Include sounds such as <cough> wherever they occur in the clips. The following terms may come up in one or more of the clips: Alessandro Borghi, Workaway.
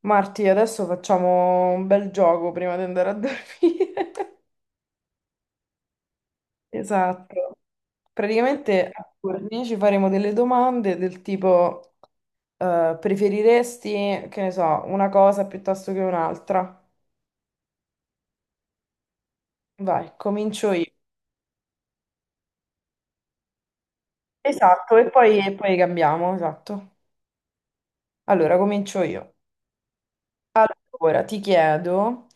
Marti, adesso facciamo un bel gioco prima di andare a dormire. <laughs> Esatto. Praticamente a turni ci faremo delle domande del tipo preferiresti, che ne so, una cosa piuttosto che un'altra? Vai, comincio io. Esatto, e poi cambiamo, esatto. Allora, comincio io. Allora, ti chiedo,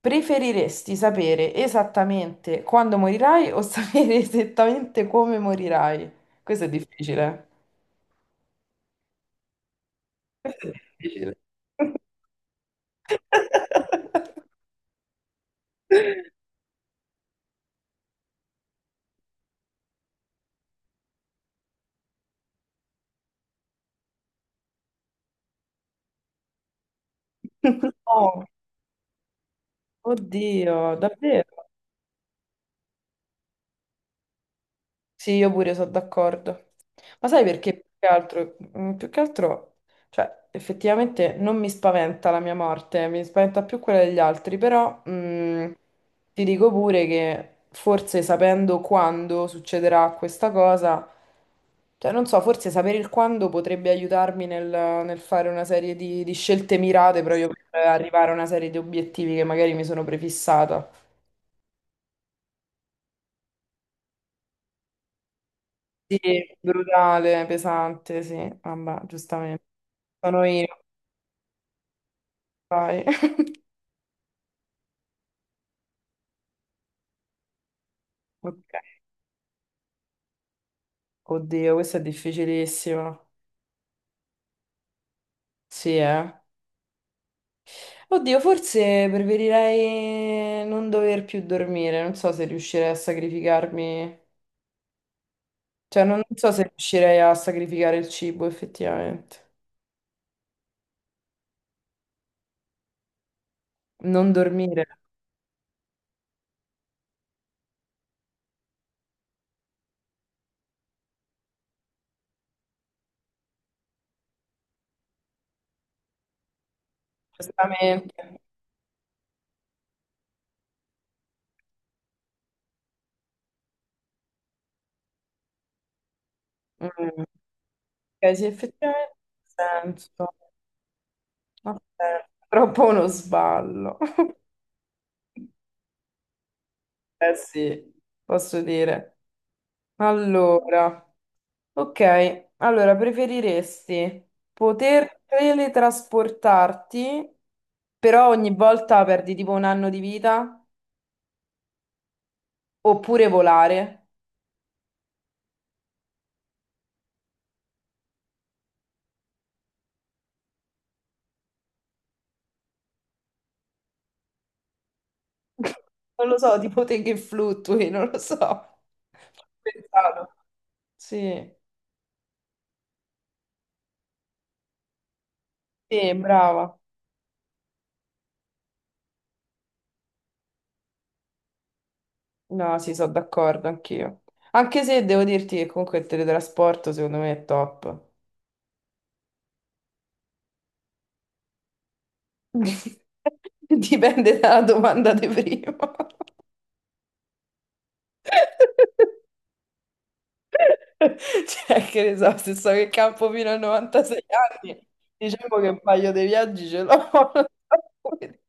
preferiresti sapere esattamente quando morirai o sapere <laughs> esattamente come morirai? Questo è difficile. Questo è difficile. <laughs> Oh, oddio, davvero? Sì, io pure sono d'accordo. Ma sai perché più che altro, più che altro, cioè, effettivamente non mi spaventa la mia morte, mi spaventa più quella degli altri, però ti dico pure che forse sapendo quando succederà questa cosa, cioè, non so, forse sapere il quando potrebbe aiutarmi nel fare una serie di scelte mirate proprio per arrivare a una serie di obiettivi che magari mi sono prefissata. Sì, brutale, pesante, sì. Vabbè, giustamente. Sono io, vai. <laughs> Ok. Oddio, questa è difficilissima. Sì, eh. Oddio, forse preferirei non dover più dormire. Non so se riuscirei a sacrificarmi. Cioè, non so se riuscirei a sacrificare il cibo, effettivamente. Non dormire, giustamente. Mm. Ok, sì, effettivamente. Ha senso. Ha senso. Troppo uno sballo. Eh sì, posso dire. Allora, ok, allora preferiresti poter teletrasportarti, però ogni volta perdi tipo un anno di vita, oppure volare? <laughs> Non lo so, tipo te che fluttui, non lo so. Ho pensato. Sì, sì, brava. No, sì, sono d'accordo anch'io. Anche se devo dirti che comunque il teletrasporto secondo me è top. <laughs> Dipende dalla domanda di prima. <laughs> Cioè, che ne so, se so che campo fino a 96 anni, diciamo che un paio di viaggi ce l'ho. <laughs> Non so come dire.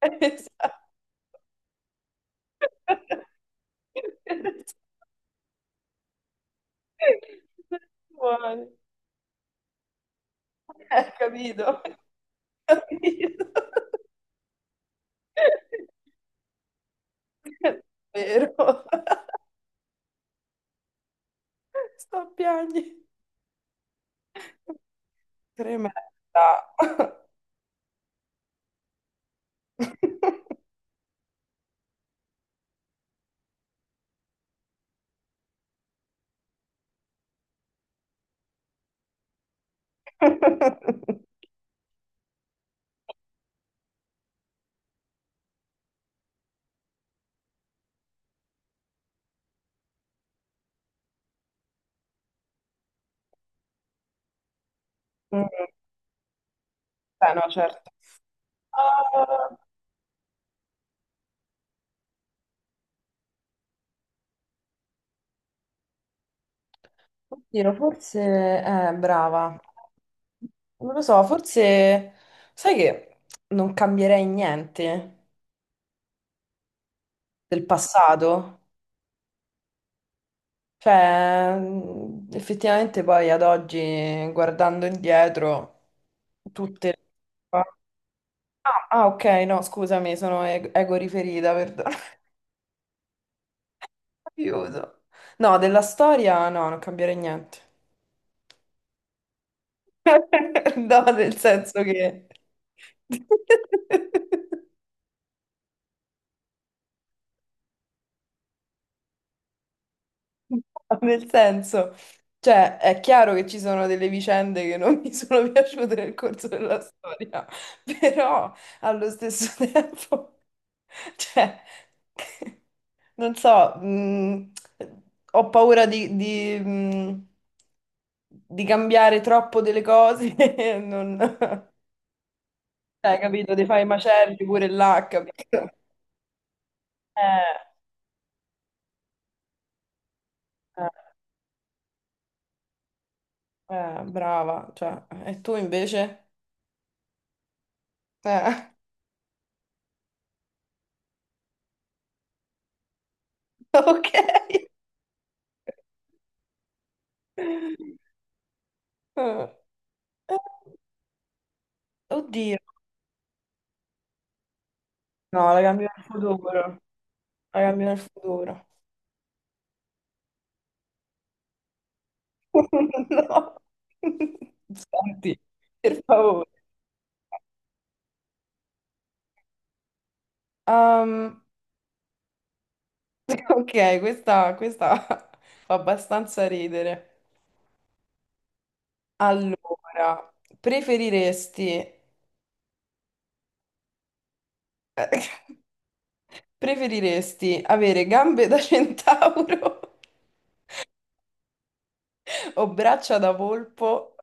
Esatto. Buono. Capito? <laughs> Capito? Vero. Sto a piangere. Tremenda. <laughs> Mm, beh, no, certo. Ah, oddio, forse brava. Non lo so, forse sai che non cambierei niente del passato. Cioè, effettivamente poi ad oggi, guardando indietro, tutte. Ah, ah, ok, no, scusami, sono ego riferita, perdono. <laughs> Aiuto. No, della storia no, non cambierei niente. <laughs> No, nel senso che. <laughs> No, nel senso, cioè, è chiaro che ci sono delle vicende che non mi sono <laughs> piaciute nel corso della storia, però allo stesso <laughs> tempo, cioè, <laughs> non so, ho paura di cambiare troppo delle cose, <laughs> non. Cioè, capito, ti fai i macelli pure là, capito? Eh, brava, cioè, e tu invece? Eh, <laughs> ok. Eh, eh, oddio. No, la cambio nel futuro. La cambio nel futuro. <laughs> No. Senti, per favore. Um, <laughs> ok, questa <laughs> fa abbastanza ridere. Allora, preferiresti. <laughs> Preferiresti avere gambe da centauro? <laughs> Ho braccia da volpo,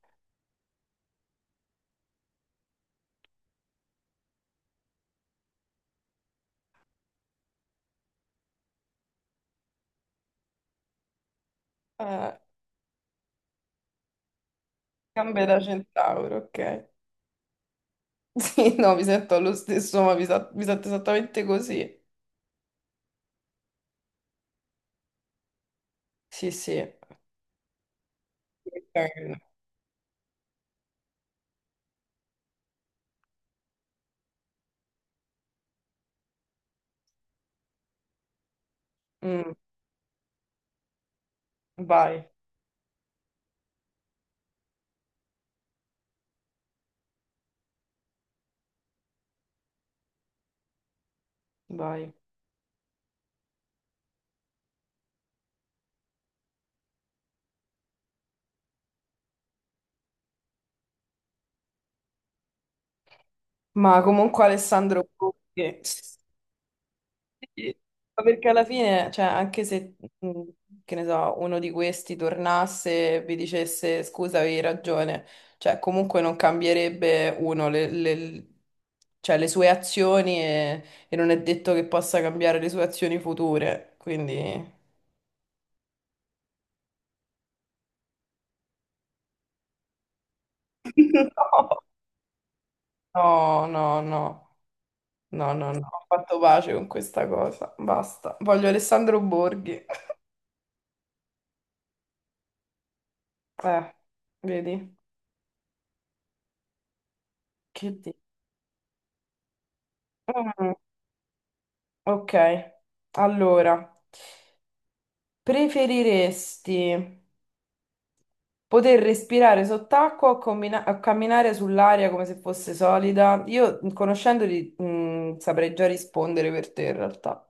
eh, gambe da centauro, ok. <laughs> Sì, no, mi sento lo stesso, ma mi sento esattamente così. Sì, sì. Ok. Mm, vai, vai. Ma comunque Alessandro Borghi. Sì, ma perché alla fine, cioè, anche se, che ne so, uno di questi tornasse e vi dicesse scusa, avevi ragione, cioè, comunque non cambierebbe uno cioè, le sue azioni e non è detto che possa cambiare le sue azioni future. Quindi, <laughs> no, no, no, no, no, no, ho fatto pace con questa cosa. Basta. Voglio Alessandro Borghi. Eh, vedi, che di. Ok, allora, preferiresti poter respirare sott'acqua o camminare sull'aria come se fosse solida? Io, conoscendoli, saprei già rispondere per te in realtà.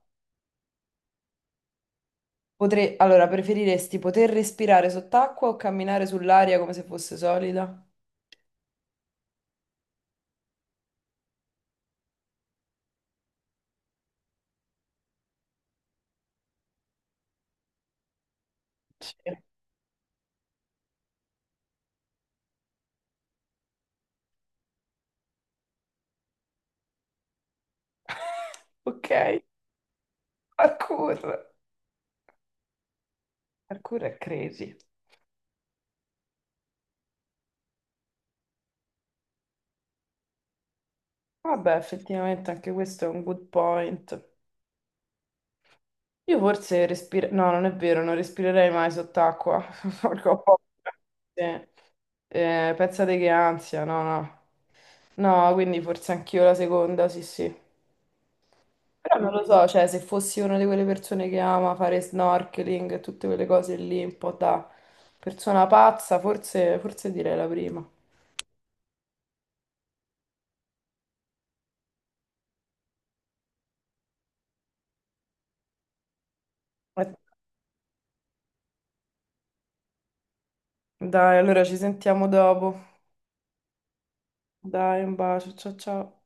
Potrei, allora, preferiresti poter respirare sott'acqua o camminare sull'aria come se fosse solida? Sì. Ok, parkour. Parkour è crazy. Vabbè, effettivamente anche questo è un good point. Io forse respiro. No, non è vero, non respirerei mai sott'acqua. <laughs> Porca ho paura. Sì. Pensate che ansia, no, no. No, quindi forse anch'io la seconda, sì, sì. Però non lo so, cioè, se fossi una di quelle persone che ama fare snorkeling e tutte quelle cose lì, un po' da persona pazza, forse, forse direi la prima. Eh, Dai, allora ci sentiamo dopo. Dai, un bacio, ciao ciao.